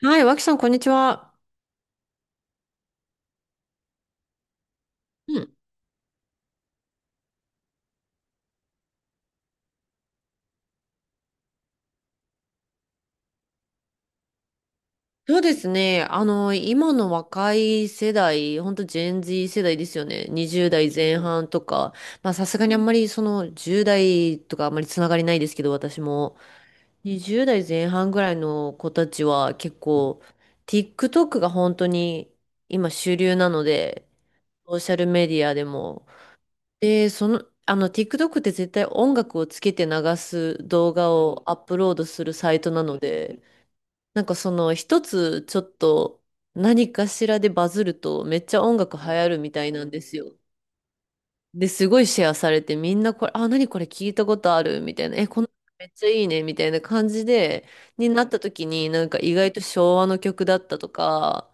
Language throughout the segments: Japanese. はい、脇さん、こんにちは。うん。そうですね。今の若い世代、ほんとジェン Z 世代ですよね。20代前半とか。まあ、さすがにあんまりその10代とかあんまりつながりないですけど、私も。20代前半ぐらいの子たちは結構、TikTok が本当に今主流なので、ソーシャルメディアでも。で、TikTok って絶対音楽をつけて流す動画をアップロードするサイトなので、なんかその一つちょっと何かしらでバズるとめっちゃ音楽流行るみたいなんですよ。で、すごいシェアされてみんなこれ、あ、何これ聞いたことあるみたいな、え、この曲めっちゃいいねみたいな感じで、になった時になんか意外と昭和の曲だったとか、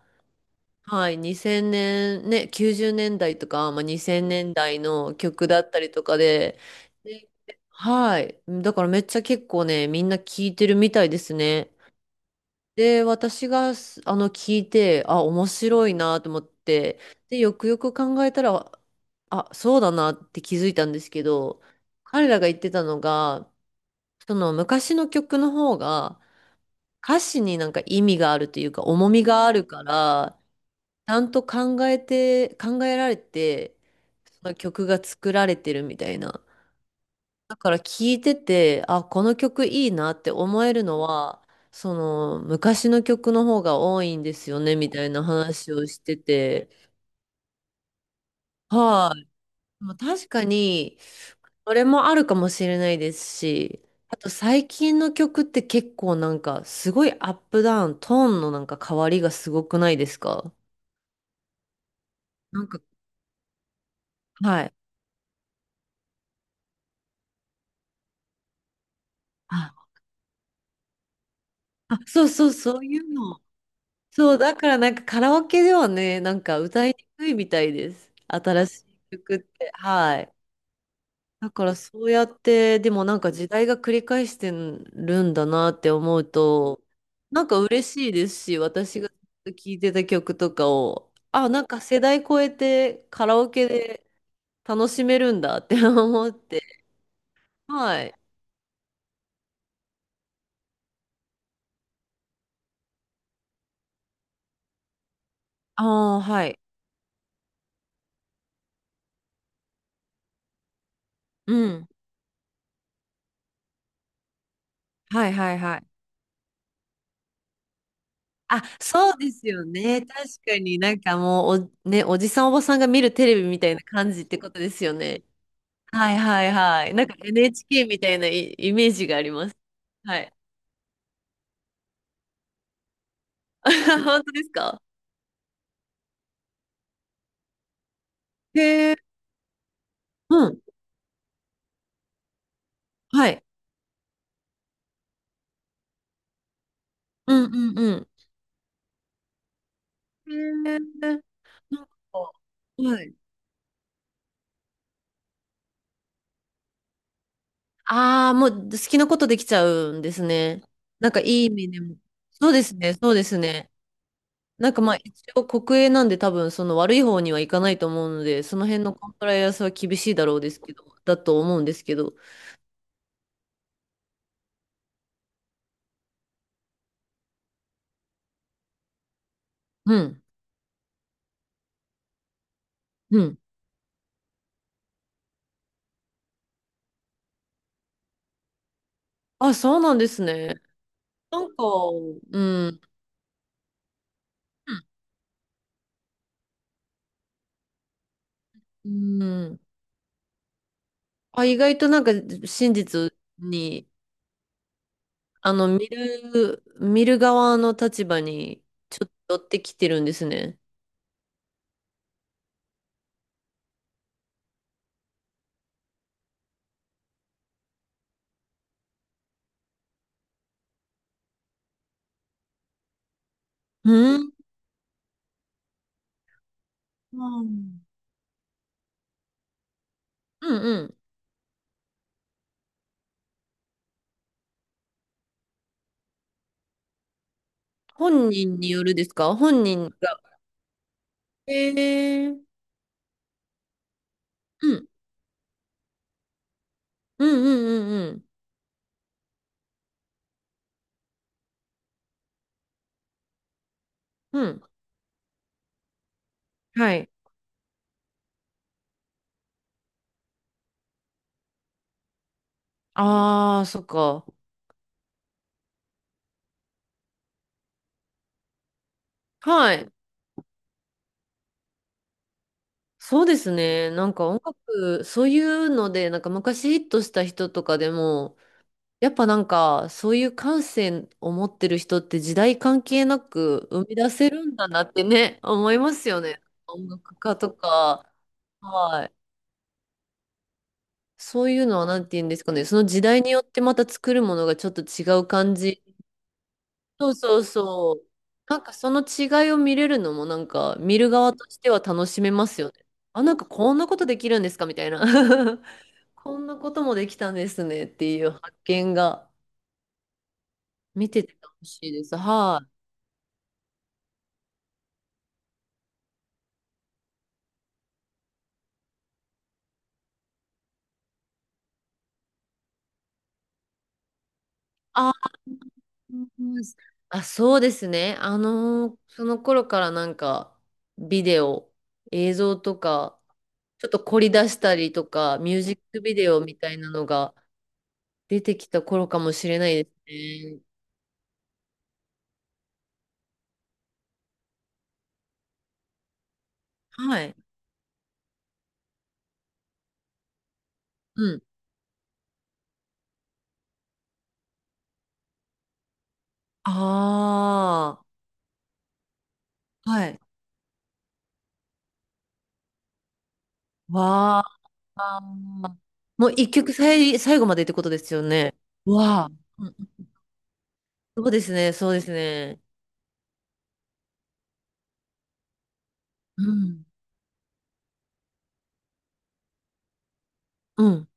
はい、2000年、ね、90年代とか、まあ、2000年代の曲だったりとかで、ではい、だからめっちゃ結構ね、みんな聞いてるみたいですね。で、私がす、あの、聞いて、あ、面白いなと思って、で、よくよく考えたら、あ、そうだなって気づいたんですけど、彼らが言ってたのが、その昔の曲の方が、歌詞になんか意味があるというか、重みがあるから、ちゃんと考えられて、その曲が作られてるみたいな。だから聞いてて、あ、この曲いいなって思えるのは、その昔の曲の方が多いんですよね、みたいな話をしてて。はい。でも確かに、それもあるかもしれないですし、あと最近の曲って結構なんか、すごいアップダウン、トーンのなんか変わりがすごくないですか？なんか、はい。あ、あ、そうそう、そういうのそう、だからなんかカラオケではね、なんか歌いにくいみたいです。新しい曲って。はい。だからそうやって、でもなんか時代が繰り返してるんだなって思うと、なんか嬉しいですし、私がずっと聴いてた曲とかを、あ、なんか世代超えてカラオケで楽しめるんだって 思って。はい。ああ、はい。うん。はいはいはい。あ、そうですよね。確かになんかもうね、おじさんおばさんが見るテレビみたいな感じってことですよね。はいはいはい。なんか NHK みたいなイイメージがあります。はい。本当ですか？へえ。うん。はい。うんうんうん。へえ。なんか、はい。ああ、もう好きなことできちゃうんですね。なんかいい意味でも。そうですね、そうですね。なんかまあ一応国営なんで多分その悪い方にはいかないと思うので、その辺のコンプライアンスは厳しいだろうですけど、だと思うんですけど。うん。うん。あ、そうなんですね。なんか、うん。うん。あ、意外となんか真実に、見る側の立場にちょっと寄ってきてるんですね。うん。うんうん。本人によるですか？本人が。へえ。うん。うんうんうんうん。うん。はい。ああ、そっか。はい。そうですね。なんか音楽、そういうので、なんか昔ヒットした人とかでも、やっぱなんか、そういう感性を持ってる人って時代関係なく生み出せるんだなってね、思いますよね。音楽家とか、はい。そういうのはなんて言うんですかね。その時代によってまた作るものがちょっと違う感じ、そうそうそう。なんかその違いを見れるのもなんか見る側としては楽しめますよね。あ、なんかこんなことできるんですか？みたいな。こんなこともできたんですねっていう発見が見てて楽しいです。はい。あ、うん、あ、そうですね。その頃からなんか、ビデオ、映像とか、ちょっと凝り出したりとか、ミュージックビデオみたいなのが出てきた頃かもしれないですね。はい。うん。ああ、はい。わあ。もう一曲最後までってことですよね。わあ。うん、そうですね、そうですね。うん。うん。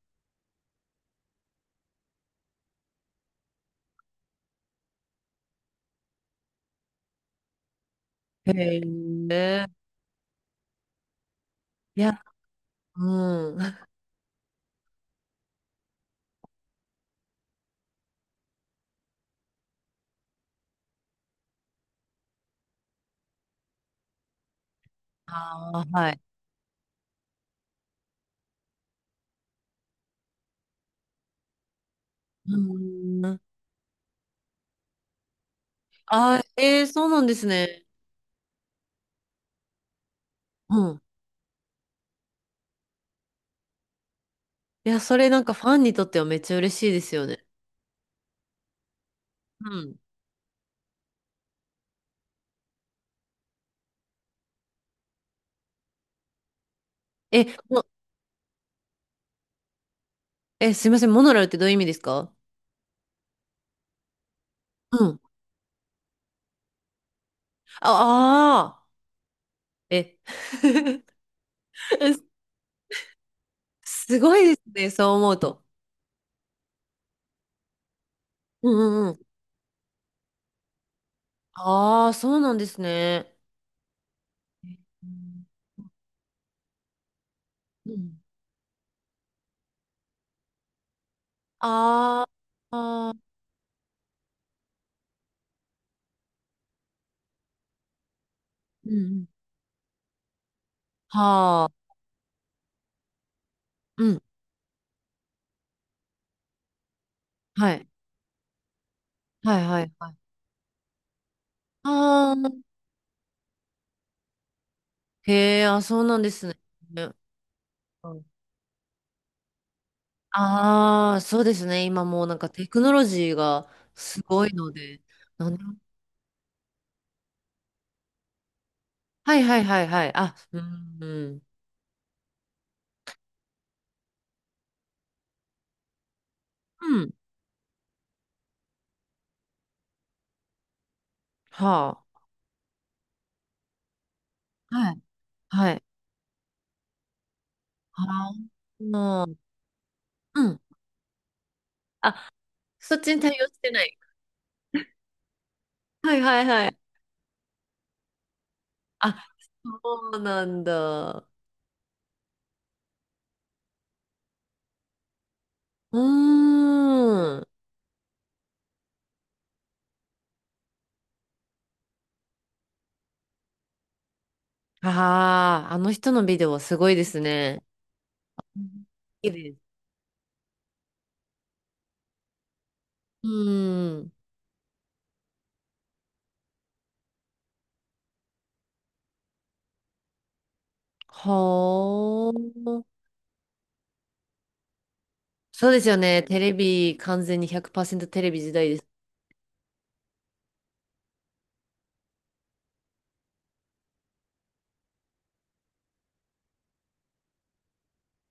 へえ。いや、うん。ああ、はい。うん。あー、えー、そうなんですね。うん。いや、それなんかファンにとってはめっちゃ嬉しいですよね。うん。え、もえ、すいません、モノラルってどういう意味ですか？うん。ああー、え、すごいですね、そう思うと。うんうんうん。ああ、そうなんですね。うんうん、あー、あー、うんうん、はあ、うん。はい。はいはいはい。ああ、へえ、あ、そうなんですね。ああ、そうですね。今もうなんかテクノロジーがすごいので。なんで、はいはいはいはい。あ、うん、うん。うん。はあ。はい。はい。はあ。うん。あ、そっちに対応してない。はいはいはい。あ、そうなんだ。うーん。ああ、あの人のビデオはすごいですね。うん、綺麗です。うーん。ほー。そうですよね。テレビ、完全に100%テレビ時代です。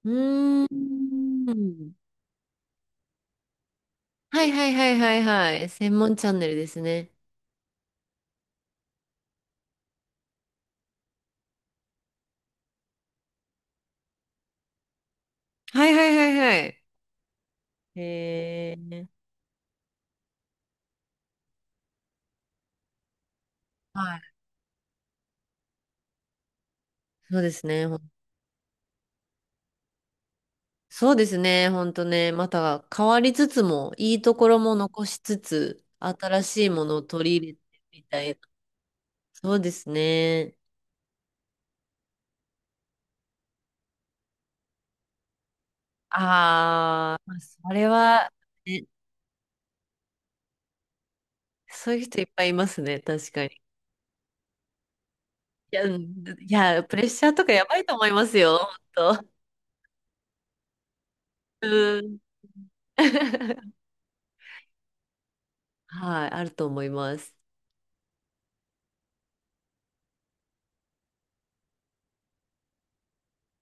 うーん。はいはいはいはいはい。専門チャンネルですね。はいはいはいはい。へえ。はい。そうですね。そうですね、ほんとね、また変わりつつも、いいところも残しつつ、新しいものを取り入れてみたいな。そうですね。ああ、まあそれは、ね、そういう人いっぱいいますね、確かに。いや、うん、いや、プレッシャーとかやばいと思いますよ、ほんと。うん。はい、あると思います。